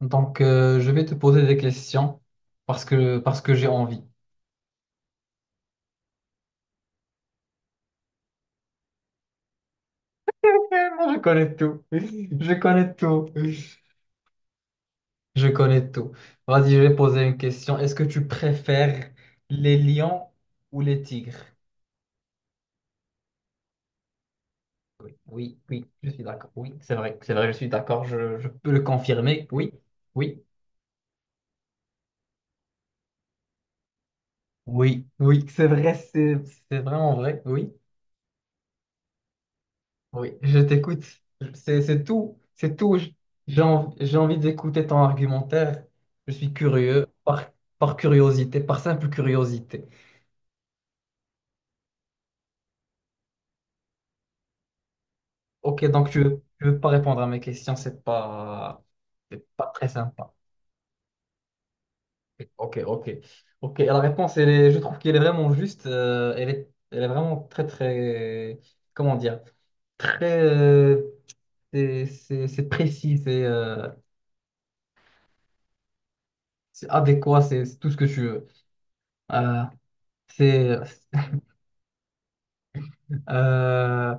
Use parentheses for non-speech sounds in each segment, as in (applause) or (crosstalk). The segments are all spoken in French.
Donc, je vais te poser des questions parce que j'ai envie. Eh, moi, je connais tout. (laughs) Je connais tout. Je connais tout. Vas-y, je vais poser une question. Est-ce que tu préfères les lions ou les tigres? Oui, oui, oui, je suis d'accord. Oui, c'est vrai, je suis d'accord. Je peux le confirmer. Oui, oui, oui, oui, c'est vraiment vrai. Oui. Oui, je t'écoute. C'est tout. C'est tout. J'ai envie d'écouter ton argumentaire. Je suis curieux par, Par curiosité, par simple curiosité. Ok, donc tu veux pas répondre à mes questions, c'est pas très sympa. Ok, ok. Ok, la réponse, elle est- je trouve qu'elle est vraiment juste. Elle est, elle est vraiment très, comment dire, très, c'est précis, c'est adéquat, c'est tout ce que tu veux. Euh, c'est Euh,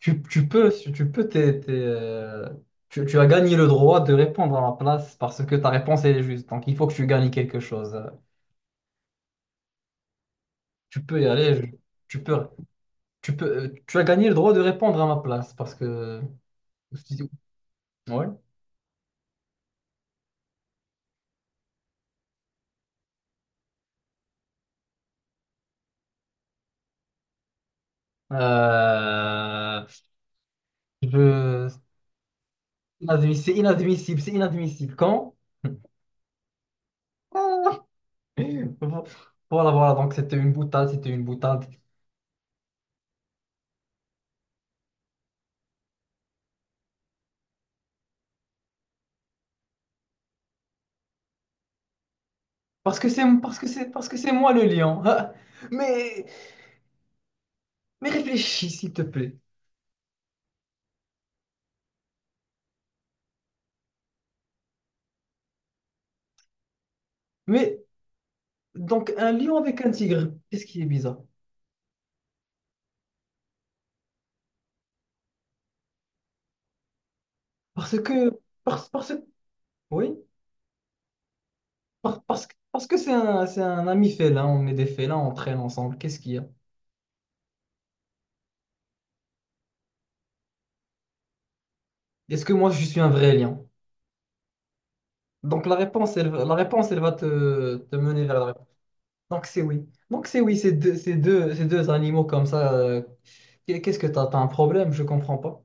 tu peux t'es, tu as gagné le droit de répondre à ma place parce que ta réponse elle est juste. Donc il faut que tu gagnes quelque chose. Tu peux y aller. Tu peux, tu peux, tu as gagné le droit de répondre à ma place parce que. Ouais. Euh, je- c'est inadmissible, c'est inadmissible. Quand? (laughs) Voilà, voilà. Donc c'était une boutade, c'était une boutade. Parce que c'est moi le lion. (laughs) Mais Mais réfléchis, s'il te plaît. Mais donc, un lion avec un tigre, qu'est-ce qui est bizarre? Parce que. Parce, parce, oui, parce que c'est un ami félin, on est des félins, on traîne ensemble. Qu'est-ce qu'il y a? Est-ce que moi, je suis un vrai lion? Donc, la réponse, elle va te mener vers la réponse. Donc, c'est oui. Donc, c'est oui, ces deux animaux comme ça. Qu'est-ce que t'as? T'as un problème? Je comprends pas.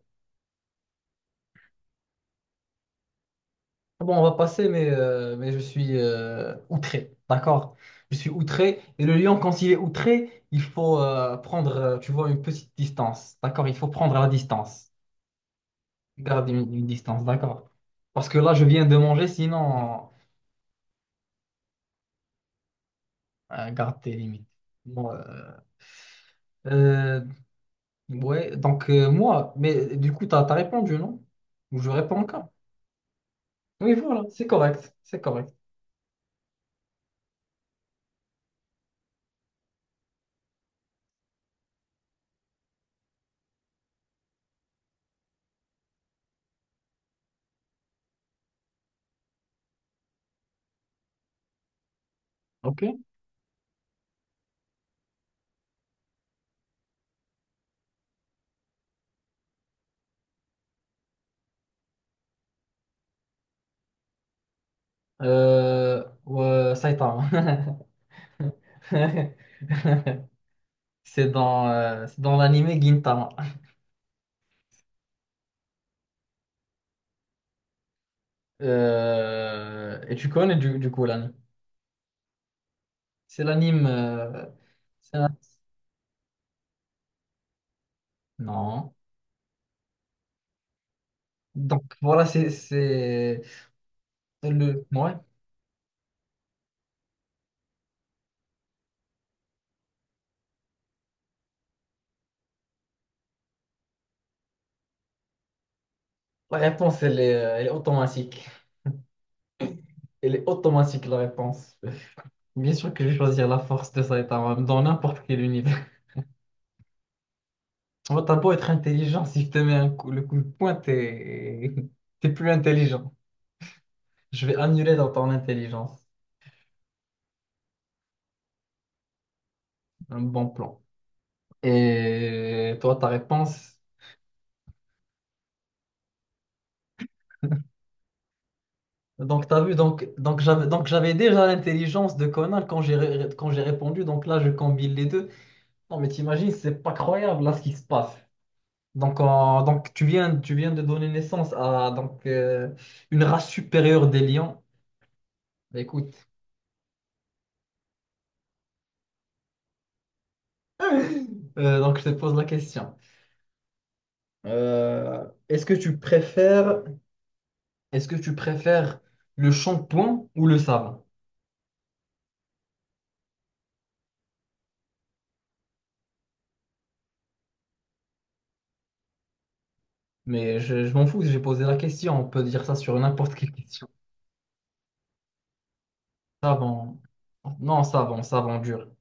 Bon, on va passer, mais je suis outré, d'accord? Je suis outré. Et le lion, quand il est outré, il faut prendre, tu vois, une petite distance, d'accord? Il faut prendre la distance. Une distance, d'accord? Parce que là, je viens de manger, sinon, garde tes limites. Bon, euh, ouais, donc moi, mais du coup, t'as répondu, non? Ou je réponds encore? Oui, voilà, c'est correct, c'est correct. Ok. Ouais, ça y est. (laughs) C'est dans l'anime Gintama. Et tu connais du coup l'anime. C'est l'anime. C'est un- Non. Donc voilà, c'est le. Ouais. La réponse, elle est automatique. Elle est automatique, la réponse. Bien sûr que je vais choisir la force de Saitama dans n'importe quel univers. (laughs) Bon, t'as beau être intelligent, si je te mets un coup, le coup de poing, t'es (laughs) t'es plus intelligent. Je vais annuler dans ton intelligence. Un bon plan. Et toi, ta réponse? Donc, tu as vu, donc j'avais déjà l'intelligence de Conan quand j'ai répondu. Donc là, je combine les deux. Non, mais t'imagines, c'est pas croyable là ce qui se passe. Donc tu viens de donner naissance à donc, une race supérieure des lions. Bah, écoute, donc je te pose la question. Euh, est-ce que tu préfères, Est-ce que tu préfères le shampoing ou le savon? Mais je m'en fous, j'ai posé la question. On peut dire ça sur n'importe quelle question. Savon. Non, savon dur.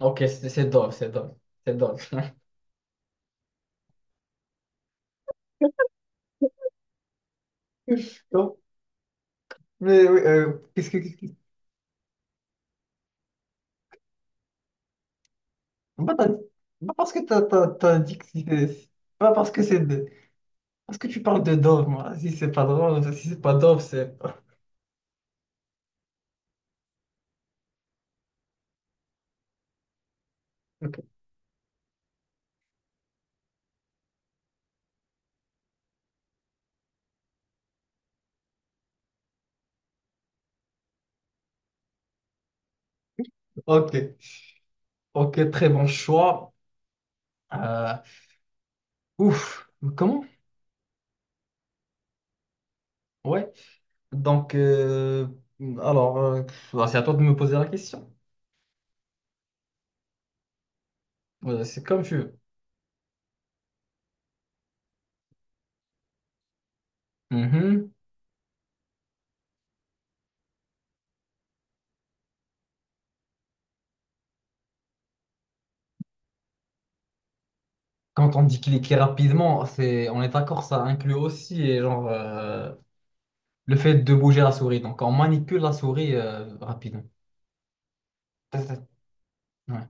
Ok, c'est drôle. (laughs) Non, mais oui, qu'est-ce que- Bah, t'as- Bah, parce que t'as dit que c'était... Pas parce que c'est... de- Parce que tu parles de Dove, moi. Si c'est pas drôle, si c'est pas Dove, c'est... (laughs) Ok, ok, ok, très bon choix. Euh, ouf, Comment? Ouais. Donc, alors, euh, bah, c'est à toi de me poser la question. C'est comme tu veux. Mhm. Quand on dit cliquer rapidement, c'est, on est d'accord, ça inclut aussi et genre. Le fait de bouger la souris. Donc, on manipule la souris rapidement. Tac, tac. Ouais.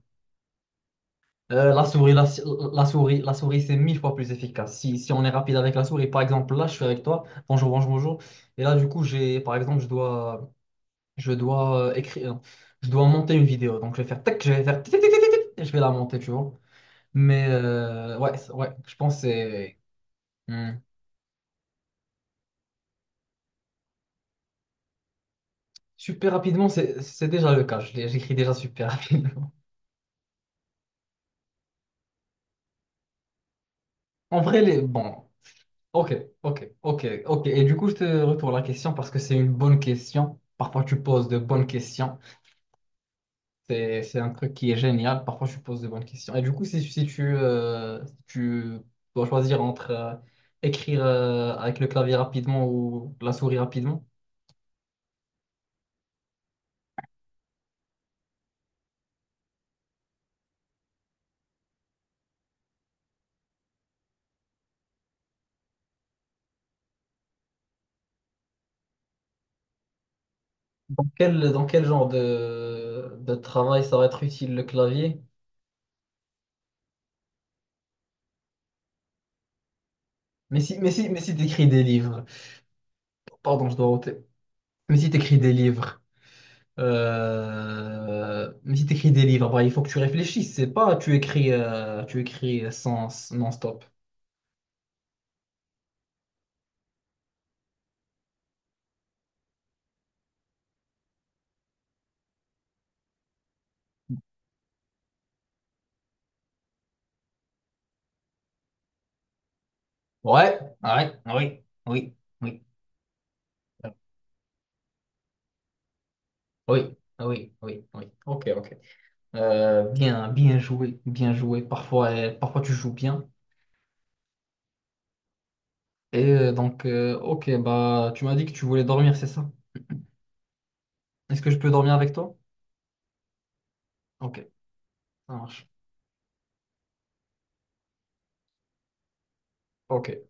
Euh, la souris, la, si- la souris, c'est mille fois plus efficace. Si on est rapide avec la souris, par exemple, là, je suis avec toi. Bonjour, bonjour, bonjour. Et là, du coup, j'ai, par exemple, je dois écrire, non, je dois monter une vidéo. Donc, je vais faire tac, je vais faire tic, tic, tic, tic, tic, tic, et je vais la monter, tu vois. Mais ouais, ouais, je pense que c'est hmm. Super rapidement, c'est déjà le cas. J'écris déjà super (laughs) rapidement. En vrai, les, bon, ok, ok, ok, ok. Et du coup, je te retourne la question parce que c'est une bonne question. Parfois, tu poses de bonnes questions. C'est un truc qui est génial. Parfois, tu poses de bonnes questions. Et du coup, si tu, si tu dois choisir entre écrire avec le clavier rapidement ou la souris rapidement, dans dans quel genre de travail ça va être utile le clavier? Mais si tu écris des livres, pardon, je dois ôter. Mais si tu écris des livres. Mais si tu écris des livres, bah, il faut que tu réfléchisses. C'est pas tu écris, tu écris sans non-stop. Ouais, ouais, oui, oui, oui, oui, oui, oui, oui. Ok, ok. Bien joué, bien joué. Parfois, parfois tu joues bien. Et ok, bah, tu m'as dit que tu voulais dormir, c'est ça? Est-ce que je peux dormir avec toi? Ok, ça marche. Ok.